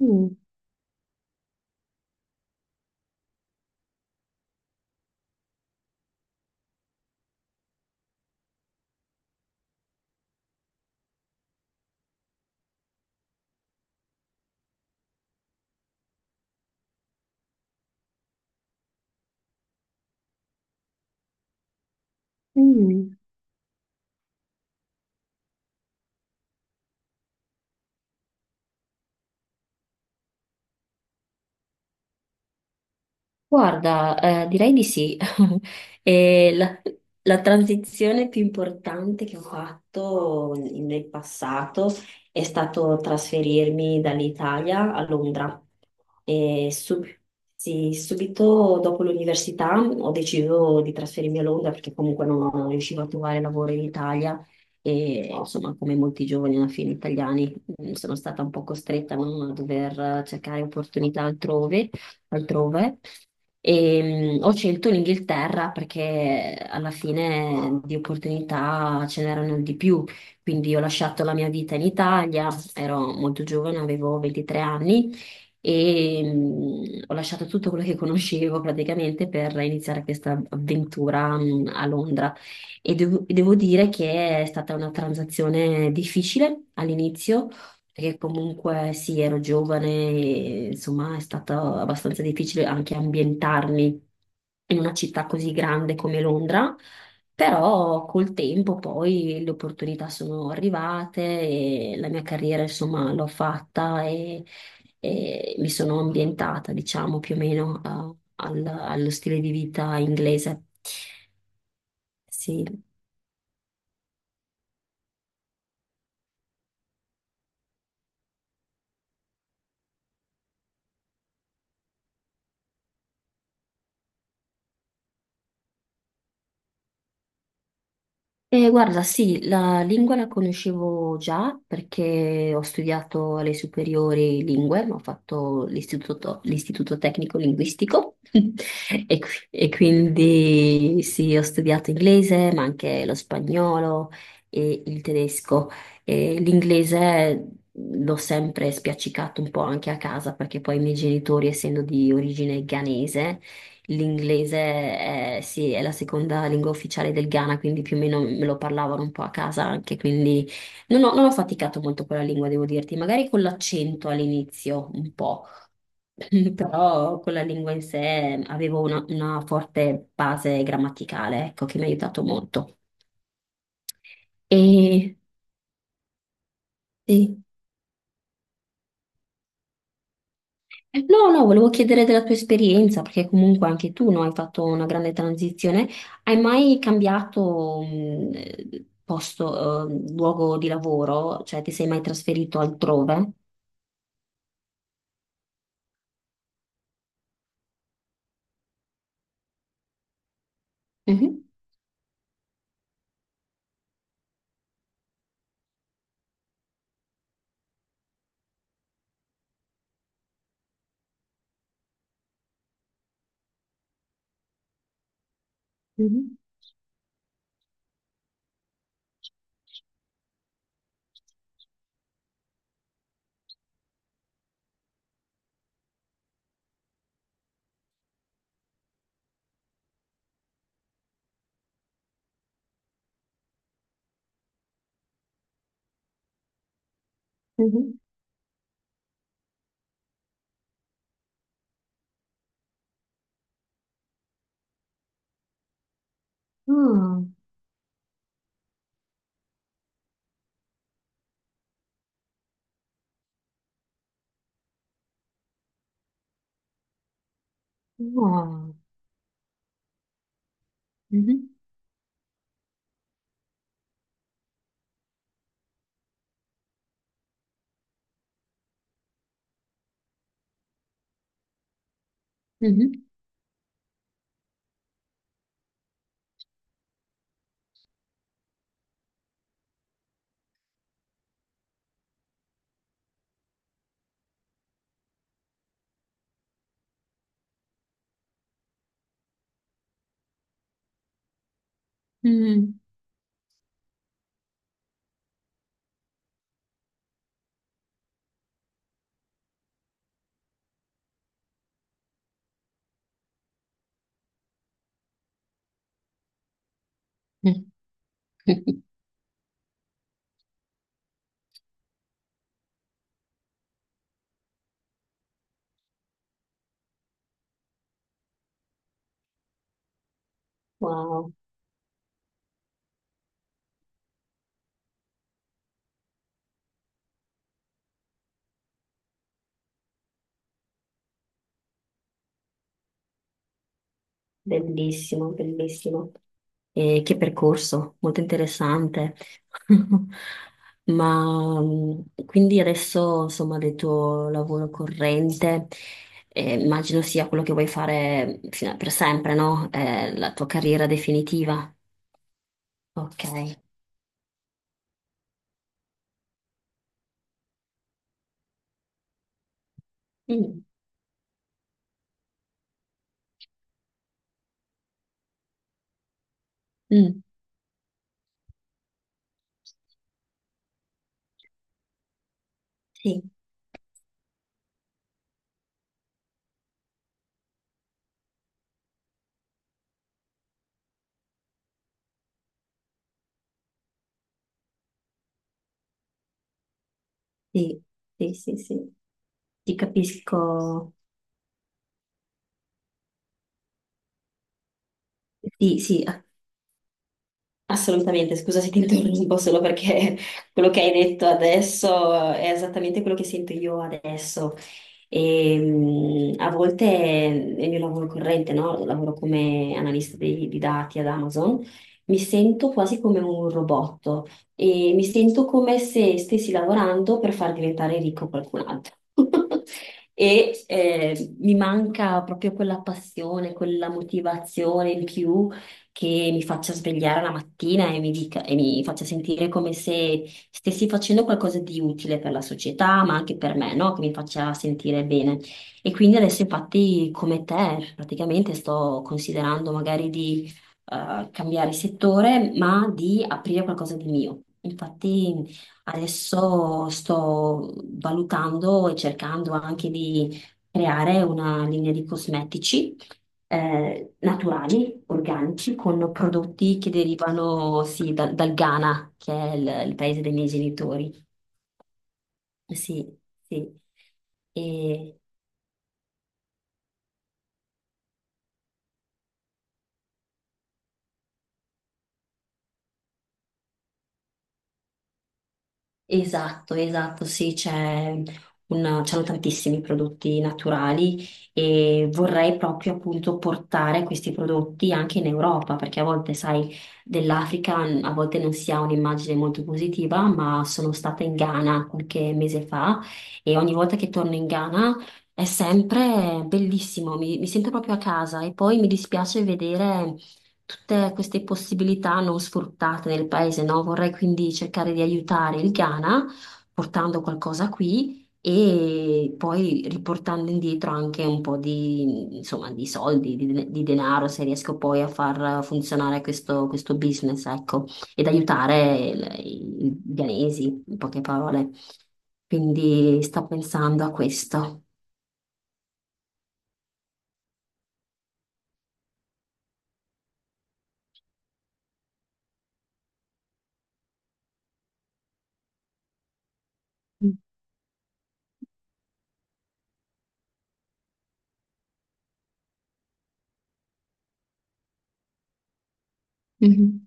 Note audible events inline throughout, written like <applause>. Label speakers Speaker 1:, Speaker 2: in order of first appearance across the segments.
Speaker 1: Mm, mm. Guarda, direi di sì. <laughs> E la, la transizione più importante che ho fatto nel passato è stato trasferirmi dall'Italia a Londra. E sì, subito dopo l'università ho deciso di trasferirmi a Londra perché comunque non riuscivo a trovare lavoro in Italia e insomma, come molti giovani alla fine italiani, sono stata un po' costretta, no, a dover cercare opportunità altrove altrove. E, ho scelto l'Inghilterra perché alla fine di opportunità ce n'erano di più, quindi ho lasciato la mia vita in Italia, ero molto giovane, avevo 23 anni e ho lasciato tutto quello che conoscevo praticamente per iniziare questa avventura a Londra. E devo dire che è stata una transazione difficile all'inizio perché comunque sì, ero giovane e insomma è stato abbastanza difficile anche ambientarmi in una città così grande come Londra, però col tempo poi le opportunità sono arrivate e la mia carriera insomma l'ho fatta e mi sono ambientata diciamo più o meno allo stile di vita inglese. Sì. Guarda, sì, la lingua la conoscevo già perché ho studiato alle superiori lingue, ho fatto l'istituto tecnico linguistico. <laughs> E quindi sì, ho studiato inglese, ma anche lo spagnolo e il tedesco. E l'inglese l'ho sempre spiaccicato un po' anche a casa perché poi i miei genitori, essendo di origine ghanese, l'inglese è, sì, è la seconda lingua ufficiale del Ghana, quindi più o meno me lo parlavano un po' a casa anche, quindi non ho faticato molto con la lingua, devo dirti, magari con l'accento all'inizio un po'. <laughs> Però con la lingua in sé avevo una forte base grammaticale, ecco, che mi ha aiutato molto. E sì. No, no, volevo chiedere della tua esperienza, perché comunque anche tu, no, hai fatto una grande transizione. Hai mai cambiato posto, luogo di lavoro? Cioè, ti sei mai trasferito altrove? Mhm, mhm, mhm. Ah, ah, mhm, mhm, mhm. <laughs> Wow, bellissimo, bellissimo. E che percorso, molto interessante. <laughs> Ma quindi adesso, insomma, del tuo lavoro corrente, immagino sia quello che vuoi fare per sempre, no? La tua carriera definitiva. Ok. Mm, mm, sì, sì, sì, sì, sì. Ti capisco. Sì, sì, assolutamente, scusa se ti interrompo solo perché <laughs> quello che hai detto adesso è esattamente quello che sento io adesso. E, a volte nel mio lavoro corrente, no? Lavoro come analista di dati ad Amazon, mi sento quasi come un robot e mi sento come se stessi lavorando per far diventare ricco qualcun altro. <laughs> Mi manca proprio quella passione, quella motivazione in più che mi faccia svegliare la mattina e mi dica, e mi faccia sentire come se stessi facendo qualcosa di utile per la società, ma anche per me, no? Che mi faccia sentire bene. E quindi adesso, infatti, come te, praticamente sto considerando magari di cambiare settore, ma di aprire qualcosa di mio. Infatti, adesso sto valutando e cercando anche di creare una linea di cosmetici naturali, organici, con prodotti che derivano sì, dal Ghana, che è il paese dei miei genitori. Eh sì, sì. E, esatto, esatto, sì, c'è c'hanno tantissimi prodotti naturali e vorrei proprio appunto portare questi prodotti anche in Europa, perché a volte, sai, dell'Africa a volte non si ha un'immagine molto positiva, ma sono stata in Ghana qualche mese fa e ogni volta che torno in Ghana è sempre bellissimo, mi sento proprio a casa e poi mi dispiace vedere tutte queste possibilità non sfruttate nel paese, no? Vorrei quindi cercare di aiutare il Ghana portando qualcosa qui e poi riportando indietro anche un po' di, insomma, di soldi, di denaro, se riesco poi a far funzionare questo business, ecco, ed aiutare i ghanesi, in poche parole. Quindi sto pensando a questo. Mm. Mhm.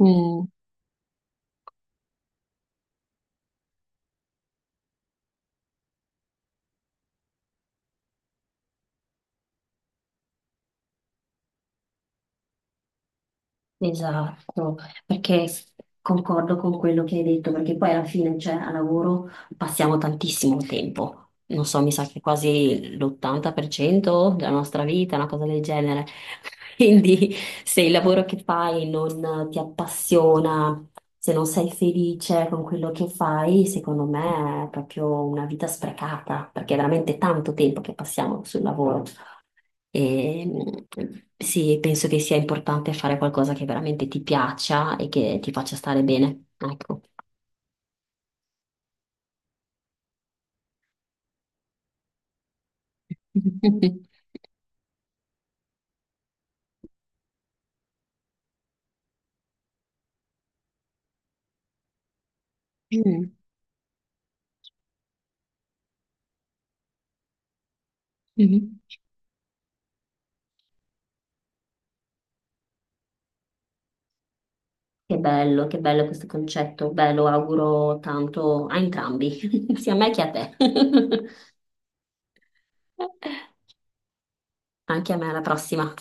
Speaker 1: Mm. Esatto, perché concordo con quello che hai detto, perché poi alla fine, cioè, a lavoro passiamo tantissimo tempo, non so, mi sa che quasi l'80% della nostra vita, una cosa del genere. <laughs> Quindi se il lavoro che fai non ti appassiona, se non sei felice con quello che fai, secondo me è proprio una vita sprecata, perché è veramente tanto tempo che passiamo sul lavoro. E, sì, penso che sia importante fare qualcosa che veramente ti piaccia e che ti faccia stare bene. Ecco. <laughs> Mm. Mhm. Che bello questo concetto. Beh, lo auguro tanto a entrambi, <laughs> sia a me che a te. <laughs> Anche a me, alla prossima.